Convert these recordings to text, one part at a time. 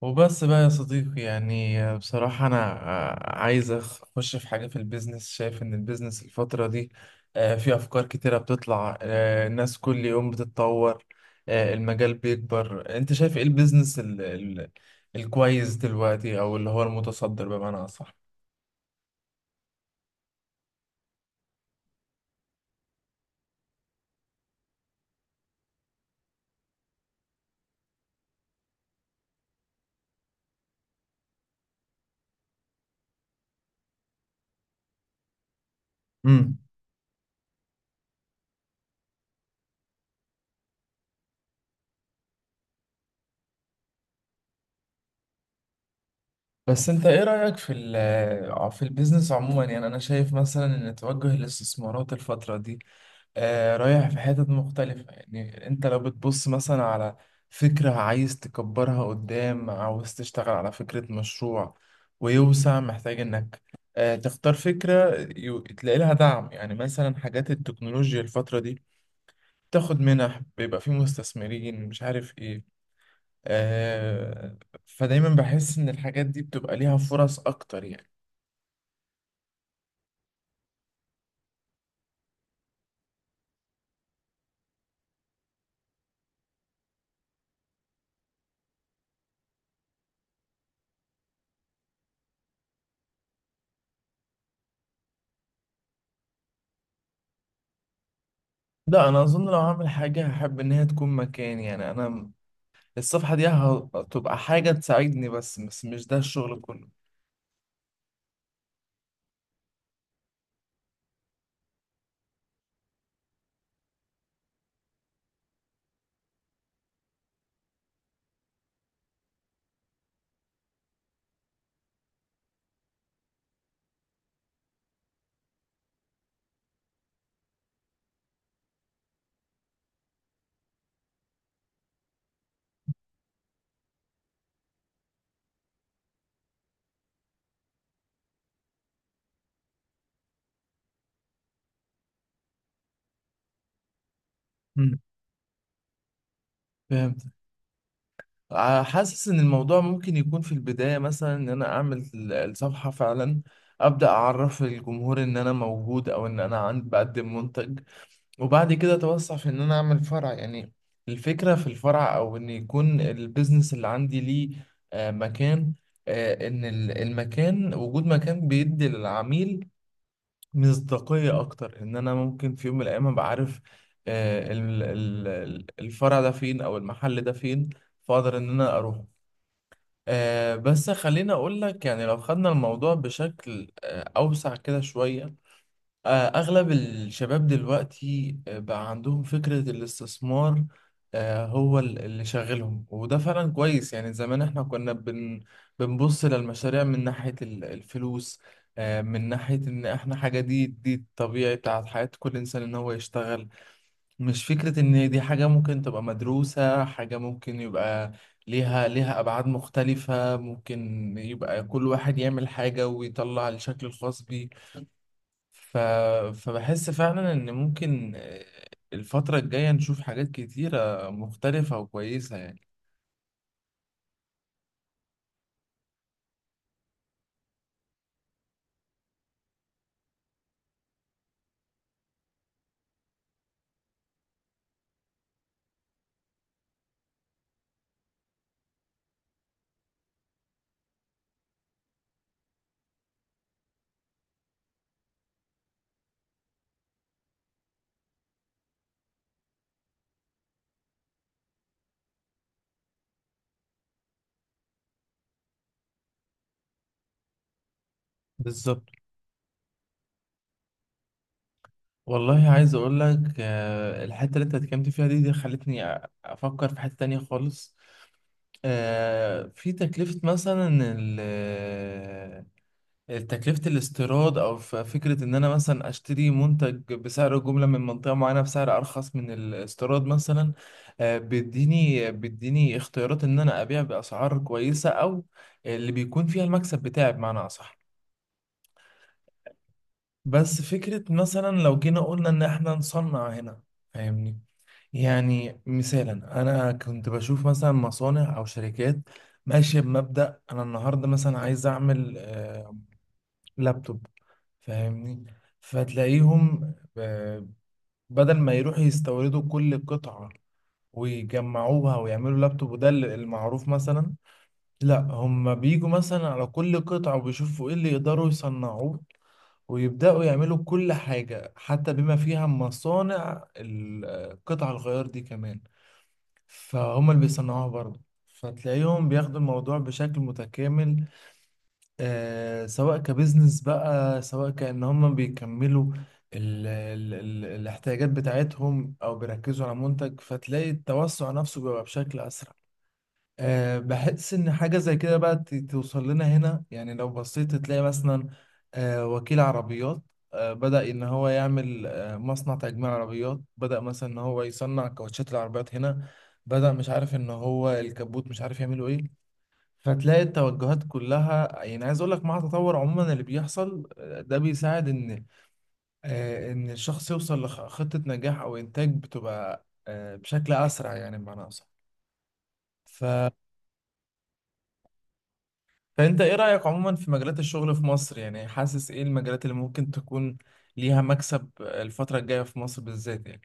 وبس بقى يا صديقي، يعني بصراحة أنا عايز أخش في حاجة في البيزنس. شايف إن البيزنس الفترة دي في أفكار كتيرة بتطلع، الناس كل يوم بتتطور، المجال بيكبر. أنت شايف إيه البيزنس الكويس دلوقتي، أو اللي هو المتصدر بمعنى أصح؟ امم. بس انت ايه رأيك في في البيزنس عموما؟ يعني انا شايف مثلا ان توجه الاستثمارات الفترة دي رايح في حتت مختلفة. يعني انت لو بتبص مثلا على فكرة عايز تكبرها قدام، عاوز تشتغل على فكرة مشروع ويوسع، محتاج انك تختار فكرة تلاقي لها دعم. يعني مثلا حاجات التكنولوجيا الفترة دي تاخد منح، بيبقى في مستثمرين، مش عارف ايه، آه، فدايما بحس ان الحاجات دي بتبقى ليها فرص اكتر يعني. لا، انا اظن لو هعمل حاجة هحب ان هي تكون مكاني يعني. انا الصفحة دي هتبقى حاجة تساعدني بس، بس مش ده الشغل كله. مم. فهمت. حاسس ان الموضوع ممكن يكون في البداية مثلا ان انا اعمل الصفحة فعلا، ابدأ اعرف الجمهور ان انا موجود، او ان انا عند بقدم منتج، وبعد كده اتوسع في ان انا اعمل فرع يعني. الفكرة في الفرع، او ان يكون البيزنس اللي عندي ليه مكان، ان المكان، وجود مكان بيدي للعميل مصداقية أكتر. إن أنا ممكن في يوم من الأيام أبقى عارف الفرع ده فين، أو المحل ده فين، فأقدر إن أنا أروح. بس خليني أقول لك يعني، لو خدنا الموضوع بشكل أوسع كده شوية. آه، أغلب الشباب دلوقتي بقى عندهم فكرة الاستثمار، هو اللي شاغلهم، وده فعلا كويس يعني. زمان احنا كنا بنبص للمشاريع من ناحية الفلوس، من ناحية إن احنا حاجة، دي الطبيعي بتاعت حياة كل إنسان إن هو يشتغل، مش فكرة إن دي حاجة ممكن تبقى مدروسة، حاجة ممكن يبقى ليها أبعاد مختلفة، ممكن يبقى كل واحد يعمل حاجة ويطلع الشكل الخاص بيه. ف... فبحس فعلا ان ممكن الفترة الجاية نشوف حاجات كتيرة مختلفة وكويسة يعني. بالظبط. والله عايز اقول لك، الحتة اللي انت اتكلمت فيها دي، دي خلتني افكر في حتة تانية خالص. في تكلفة مثلا تكلفة الاستيراد، أو فكرة إن أنا مثلا أشتري منتج بسعر جملة من منطقة معينة بسعر أرخص من الاستيراد مثلا. بيديني اختيارات إن أنا أبيع بأسعار كويسة، أو اللي بيكون فيها المكسب بتاعي بمعنى أصح. بس فكرة مثلا لو جينا قلنا إن إحنا نصنع هنا، فاهمني؟ يعني مثالا، أنا كنت بشوف مثلا مصانع أو شركات ماشية بمبدأ أنا النهاردة مثلا عايز أعمل لابتوب، فاهمني؟ فتلاقيهم بدل ما يروحوا يستوردوا كل قطعة ويجمعوها ويعملوا لابتوب، وده المعروف مثلا. لا، هم بيجوا مثلا على كل قطعة وبيشوفوا ايه اللي يقدروا يصنعوه، ويبدأوا يعملوا كل حاجة، حتى بما فيها مصانع قطع الغيار دي كمان، فهم اللي بيصنعوها برضه. فتلاقيهم بياخدوا الموضوع بشكل متكامل، سواء كبزنس بقى، سواء كأن هم بيكملوا ال ال ال الاحتياجات بتاعتهم، أو بيركزوا على منتج، فتلاقي التوسع نفسه بيبقى بشكل أسرع. بحس إن حاجة زي كده بقى توصل لنا هنا. يعني لو بصيت تلاقي مثلا وكيل عربيات بدأ إن هو يعمل مصنع تجميع عربيات، بدأ مثلا إن هو يصنع كاوتشات العربيات هنا، بدأ مش عارف إن هو الكبوت مش عارف يعمله إيه. فتلاقي التوجهات كلها، يعني عايز اقول لك مع التطور عموما اللي بيحصل ده بيساعد ان، ان الشخص يوصل لخطة نجاح او انتاج، بتبقى بشكل اسرع يعني بمعنى اصح. ف... فانت ايه رأيك عموما في مجالات الشغل في مصر؟ يعني حاسس ايه المجالات اللي ممكن تكون ليها مكسب الفترة الجاية في مصر بالذات يعني.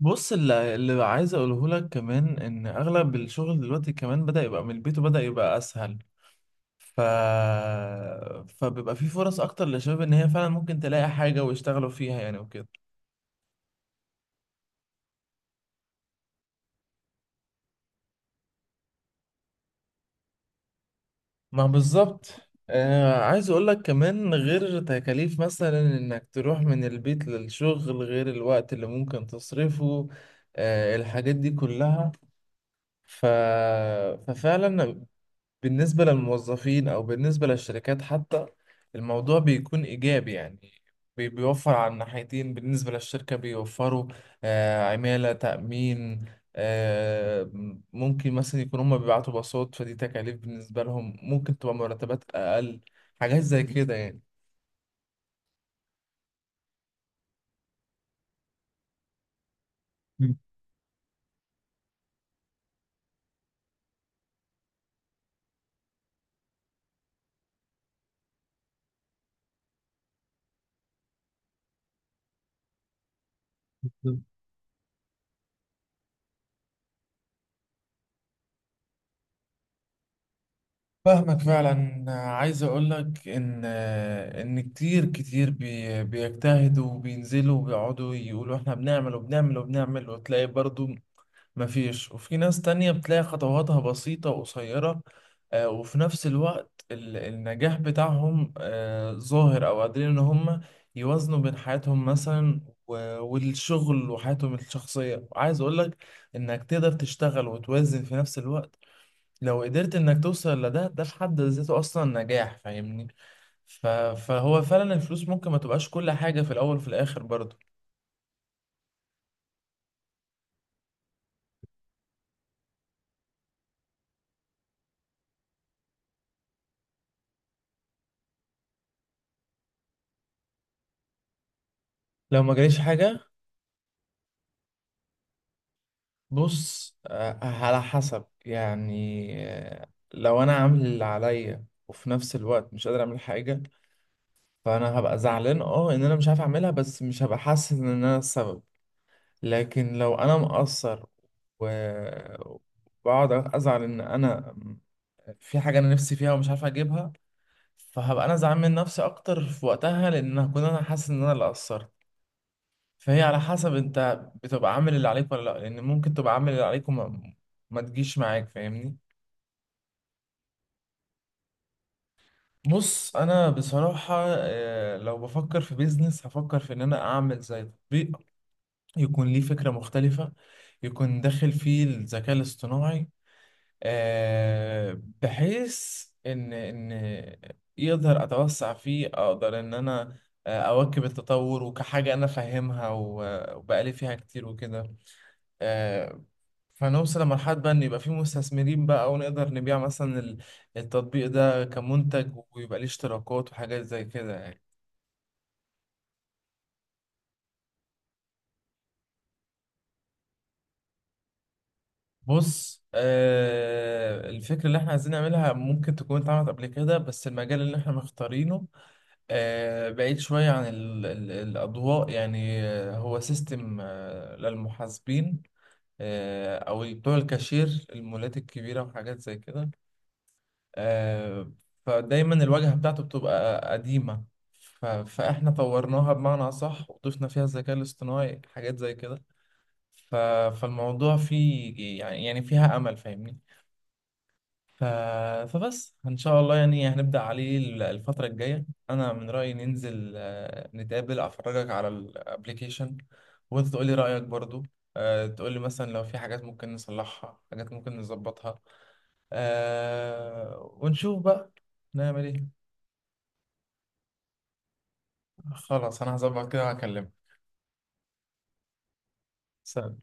بص، اللي عايز اقوله لك كمان ان اغلب الشغل دلوقتي كمان بدأ يبقى من البيت وبدأ يبقى اسهل. ف... فبيبقى في فرص اكتر للشباب ان هي فعلا ممكن تلاقي حاجة ويشتغلوا فيها يعني وكده. ما بالظبط. عايز اقول لك كمان، غير تكاليف مثلا انك تروح من البيت للشغل، غير الوقت اللي ممكن تصرفه، الحاجات دي كلها. ف... ففعلا بالنسبة للموظفين أو بالنسبة للشركات حتى، الموضوع بيكون إيجابي يعني، بيوفر على الناحيتين. بالنسبة للشركة بيوفروا عمالة، تأمين، آه، ممكن مثلا يكون هما بيبعتوا باصات، فدي تكاليف بالنسبة لهم، ممكن تبقى مرتبات أقل، حاجات زي كده يعني. مم. بالظبط. فاهمك فعلا. عايز اقول لك ان كتير كتير بيجتهدوا، وبينزلوا وبيقعدوا يقولوا احنا بنعمل وبنعمل وبنعمل، وتلاقي برضو مفيش. وفي ناس تانية بتلاقي خطواتها بسيطة وقصيرة، وفي نفس الوقت النجاح بتاعهم ظاهر، أو قادرين إن هم يوازنوا بين حياتهم مثلا والشغل وحياتهم الشخصية. وعايز أقولك إنك تقدر تشتغل وتوازن في نفس الوقت. لو قدرت إنك توصل لده، ده في حد ذاته أصلا نجاح، فاهمني؟ ف- فهو فعلا الفلوس ممكن ما تبقاش كل حاجة في الأول وفي الآخر برضه. لو ما جاليش حاجة، بص على حسب يعني. لو انا عامل اللي عليا وفي نفس الوقت مش قادر اعمل حاجه، فانا هبقى زعلان، ان انا مش عارف اعملها، بس مش هبقى حاسس ان انا السبب. لكن لو انا مقصر و- وبقعد ازعل ان انا في حاجه انا نفسي فيها ومش عارف اجيبها، فهبقى انا زعلان من نفسي اكتر في وقتها، لان هكون انا حاسس ان انا اللي قصرت. فهي على حسب انت بتبقى عامل اللي عليك ولا لا، لان ممكن تبقى عامل اللي عليك وما ما تجيش معاك، فاهمني؟ بص انا بصراحة لو بفكر في بيزنس هفكر في ان انا اعمل زي تطبيق يكون ليه فكرة مختلفة، يكون داخل فيه الذكاء الاصطناعي، بحيث ان يقدر اتوسع فيه، اقدر ان انا اواكب التطور، وكحاجة انا فاهمها وبقالي فيها كتير وكده. آه، فنوصل لمرحلة بقى إن يبقى في مستثمرين بقى، ونقدر نبيع مثلا التطبيق ده كمنتج، ويبقى ليه اشتراكات وحاجات زي كده يعني. بص، الفكرة اللي احنا عايزين نعملها ممكن تكون اتعملت قبل كده، بس المجال اللي احنا مختارينه بعيد شوية عن ال ال الأضواء يعني. هو سيستم للمحاسبين، أو بتوع الكاشير، المولات الكبيرة وحاجات زي كده. آه، فدايما الواجهة بتاعته بتبقى قديمة، فاحنا طورناها بمعنى أصح وضفنا فيها الذكاء الاصطناعي حاجات زي كده. ف- فالموضوع فيه يعني فيها أمل، فاهمني؟ ف- فبس إن شاء الله يعني هنبدأ عليه الفترة الجاية. أنا من رأيي ننزل نتقابل، أفرجك على الابليكيشن، وأنت تقولي رأيك برضو، تقولي مثلا لو في حاجات ممكن نصلحها، حاجات ممكن نظبطها، ونشوف بقى نعمل ايه. خلاص، انا هظبط كده وهكلمك. سلام.